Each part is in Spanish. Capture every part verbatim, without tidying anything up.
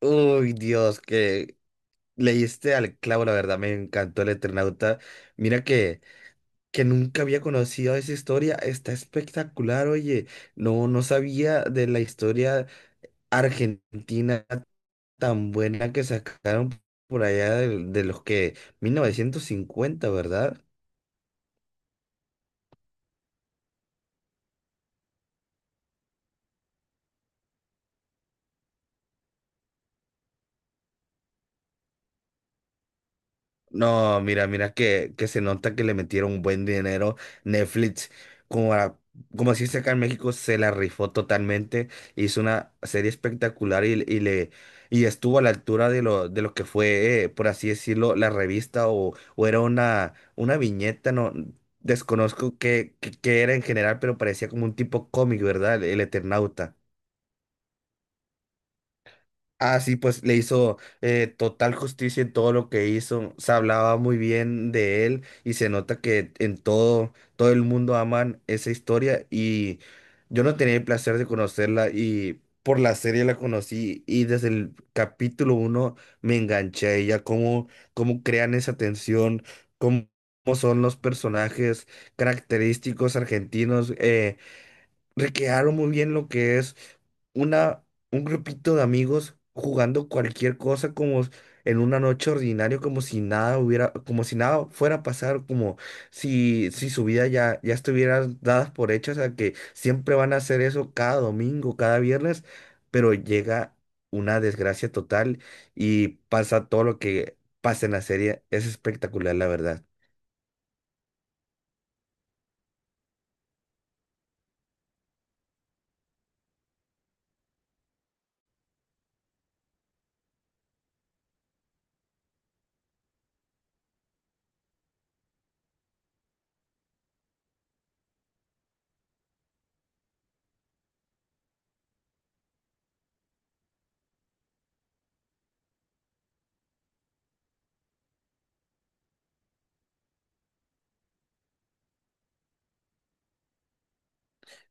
Uy, Dios, que leíste al clavo, la verdad, me encantó el Eternauta. Mira que, que nunca había conocido esa historia, está espectacular, oye, no, no sabía de la historia argentina tan buena que sacaron por allá de, de los que mil novecientos cincuenta, ¿verdad? No, mira, mira que, que se nota que le metieron un buen dinero Netflix. Como, a- Como se dice acá en México, se la rifó totalmente. Hizo una serie espectacular y, y le y estuvo a la altura de lo, de lo que fue, eh, por así decirlo, la revista o, o era una, una viñeta, no desconozco qué, qué, qué era en general, pero parecía como un tipo cómic, ¿verdad? El Eternauta. Ah, sí, pues le hizo eh, total justicia en todo lo que hizo. Se hablaba muy bien de él y se nota que en todo, todo el mundo aman esa historia y yo no tenía el placer de conocerla y por la serie la conocí y desde el capítulo uno me enganché a ella. Cómo, cómo crean esa tensión, cómo, cómo son los personajes característicos argentinos. Eh, recrearon muy bien lo que es una, un grupito de amigos jugando cualquier cosa como en una noche ordinaria, como si nada hubiera, como si nada fuera a pasar, como si, si su vida ya, ya estuviera dadas por hechas, o sea que siempre van a hacer eso cada domingo, cada viernes, pero llega una desgracia total y pasa todo lo que pasa en la serie. Es espectacular, la verdad.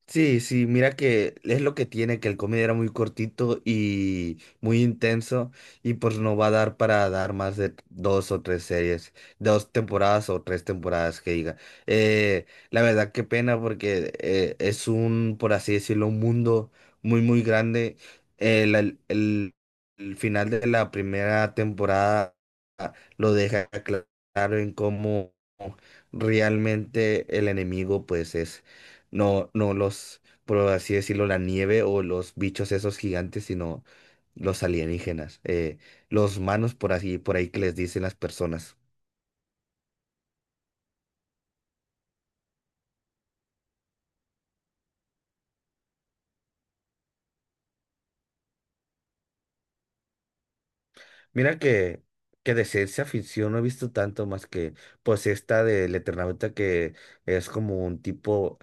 Sí, sí, mira que es lo que tiene, que el comedy era muy cortito y muy intenso y pues no va a dar para dar más de dos o tres series, dos temporadas o tres temporadas que diga. Eh, la verdad qué pena porque eh, es un, por así decirlo, un mundo muy, muy grande. El, el- el- el final de la primera temporada lo deja cla- claro en cómo realmente el enemigo pues es. No, no los, por así decirlo, la nieve o los bichos esos gigantes, sino los alienígenas, eh, los manos por así, por ahí que les dicen las personas. Mira que, que de ciencia ficción no he visto tanto más que pues esta del Eternauta que es como un tipo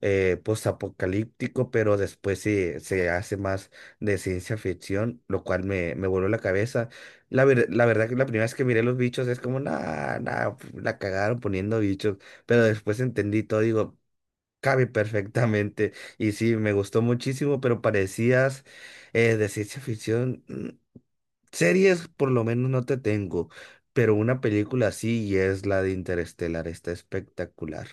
eh, postapocalíptico, pero después se, se hace más de ciencia ficción, lo cual me, me voló la cabeza. La, ver- la verdad que la primera vez que miré los bichos es como, nah, nah, pf, la cagaron poniendo bichos, pero después entendí todo, digo, cabe perfectamente. Y sí, me gustó muchísimo, pero parecías eh, de ciencia ficción. mm, Series por lo menos no te tengo, pero una película sí y es la de Interestelar, está espectacular.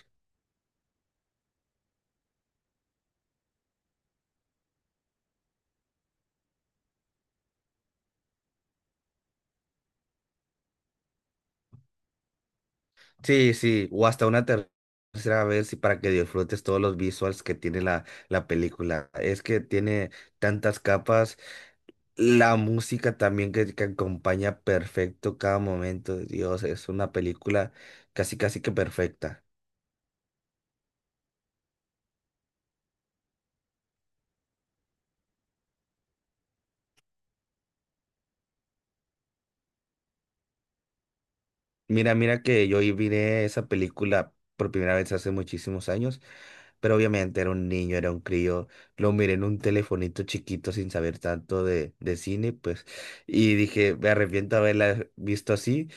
Sí, sí, o hasta una ter- tercera vez y para que disfrutes todos los visuals que tiene la, la película. Es que tiene tantas capas, la música también que, que acompaña perfecto cada momento. Dios, es una película casi casi que perfecta. Mira, mira que yo y miré esa película por primera vez hace muchísimos años, pero obviamente era un niño, era un crío, lo miré en un telefonito chiquito sin saber tanto de, de cine, pues, y dije, me arrepiento de haberla visto así,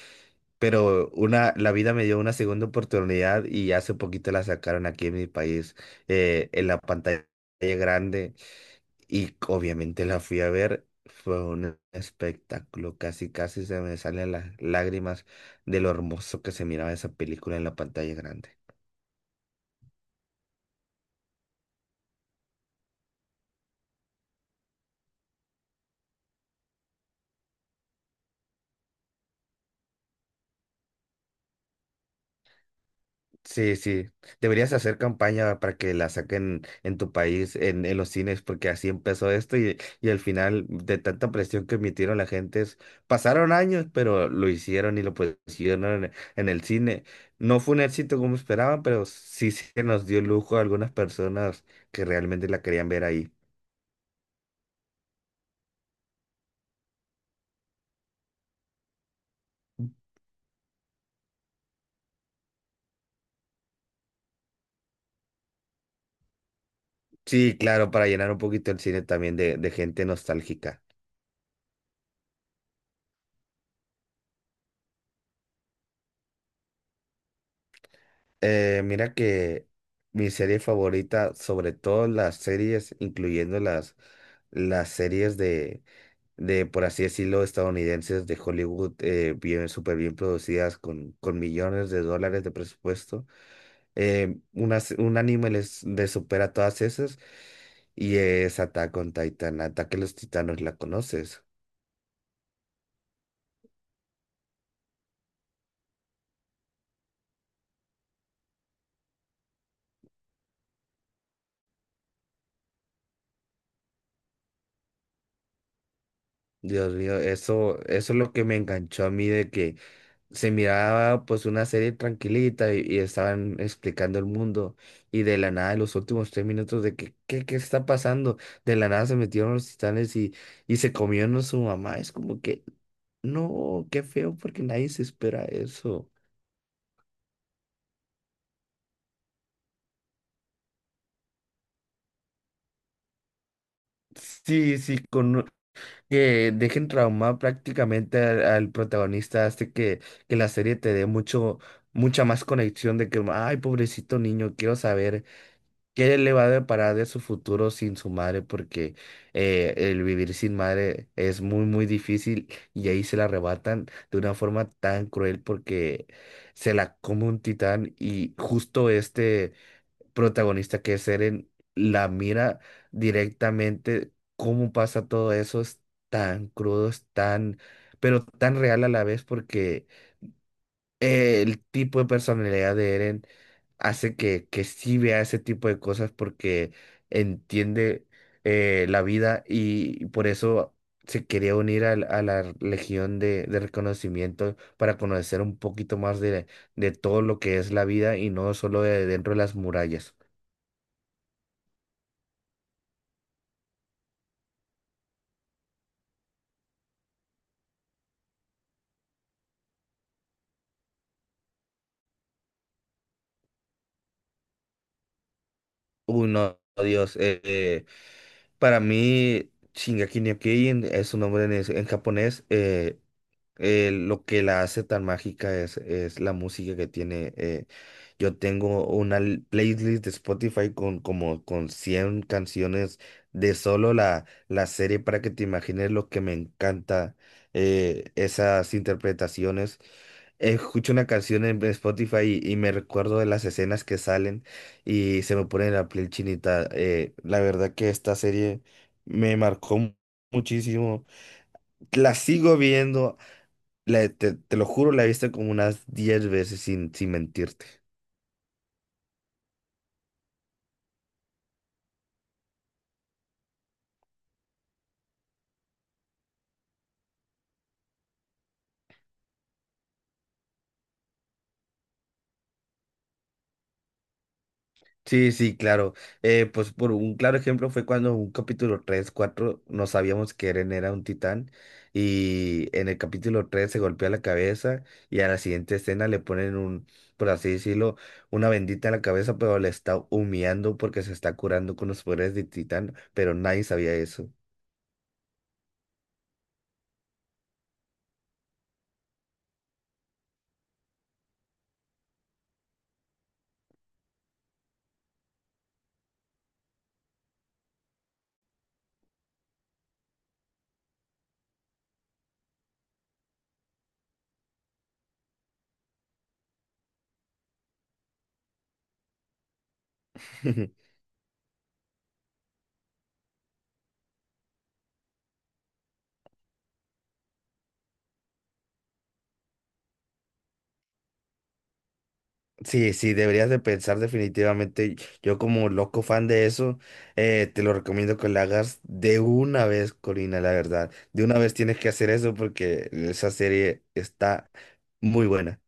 pero una, la vida me dio una segunda oportunidad y hace poquito la sacaron aquí en mi país, eh, en la pantalla grande. Y obviamente la fui a ver, fue un espectáculo, casi casi se me salen las lágrimas de lo hermoso que se miraba esa película en la pantalla grande. Sí, sí, deberías hacer campaña para que la saquen en tu país, en, en los cines, porque así empezó esto y, y al final de tanta presión que emitieron la gente, es- pasaron años, pero lo hicieron y lo pusieron en, en el cine. No fue un éxito como esperaban, pero sí se nos dio lujo a algunas personas que realmente la querían ver ahí. Sí, claro, para llenar un poquito el cine también de, de gente nostálgica. Eh, mira que mi serie favorita, sobre todo las series, incluyendo las, las series de, de, por así decirlo, estadounidenses de Hollywood, eh, bien, súper bien producidas con, con millones de dólares de presupuesto. eh, una se- un anime les, les supera todas esas y es Attack on Titan, Ataque a los Titanos, ¿la conoces? Dios mío, eso, eso es lo que me enganchó a mí de que se miraba pues una serie tranquilita y, y estaban explicando el mundo y de la nada en los últimos tres minutos de que qué, qué está pasando, de la nada se metieron los titanes y, y se comieron a su mamá, es como que no, qué feo porque nadie se espera eso. Sí, sí, con que dejen traumado prácticamente al, al protagonista hace que, que la serie te dé mucho, mucha más conexión de que, ay, pobrecito niño, quiero saber. ¿Qué le va a deparar de su futuro sin su madre? Porque eh, el vivir sin madre es muy, muy difícil y ahí se la arrebatan de una forma tan cruel porque se la come un titán y justo este protagonista que es Eren la mira directamente cómo pasa todo eso. Es tan crudo, es tan, pero tan real a la vez porque eh, el tipo de personalidad de Eren hace que, que sí vea ese tipo de cosas porque entiende eh, la vida y por eso se quería unir al- a, la Legión de, de Reconocimiento para conocer un poquito más de, de todo lo que es la vida y no solo de dentro de las murallas. Uy, no, Dios, eh, eh, para mí Shingeki no Kyojin es su nombre en, es- en japonés, eh, eh, lo que la hace tan mágica es, es la música que tiene. Eh, yo tengo una l- playlist de Spotify con como con cien canciones de solo la, la serie para que te imagines lo que me encanta eh, esas interpretaciones. Eh, Escucho una canción en Spotify y, y me recuerdo de las escenas que salen y se me pone la piel chinita. Eh, la verdad que esta serie me marcó mu- muchísimo. La sigo viendo la- te, te lo juro, la he visto como unas diez veces sin, sin mentirte. Sí, sí, claro. Eh, pues por un claro ejemplo fue cuando en un capítulo tres cuatro no sabíamos que Eren era un titán y en el capítulo tres se golpea la cabeza y a la siguiente escena le ponen un, por así decirlo, una bendita en la cabeza, pero le está humillando porque se está curando con los poderes de titán, pero nadie sabía eso. Sí, sí, deberías de pensar definitivamente. Yo como loco fan de eso, eh, te lo recomiendo que lo hagas de una vez, Corina, la verdad. De una vez tienes que hacer eso porque esa serie está muy buena.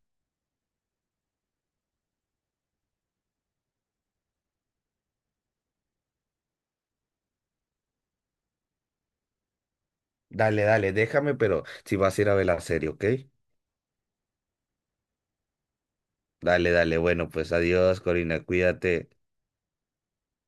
Dale, dale, déjame, pero si vas a ir a ver la serie, ¿ok? Dale, dale, bueno, pues adiós, Corina, cuídate.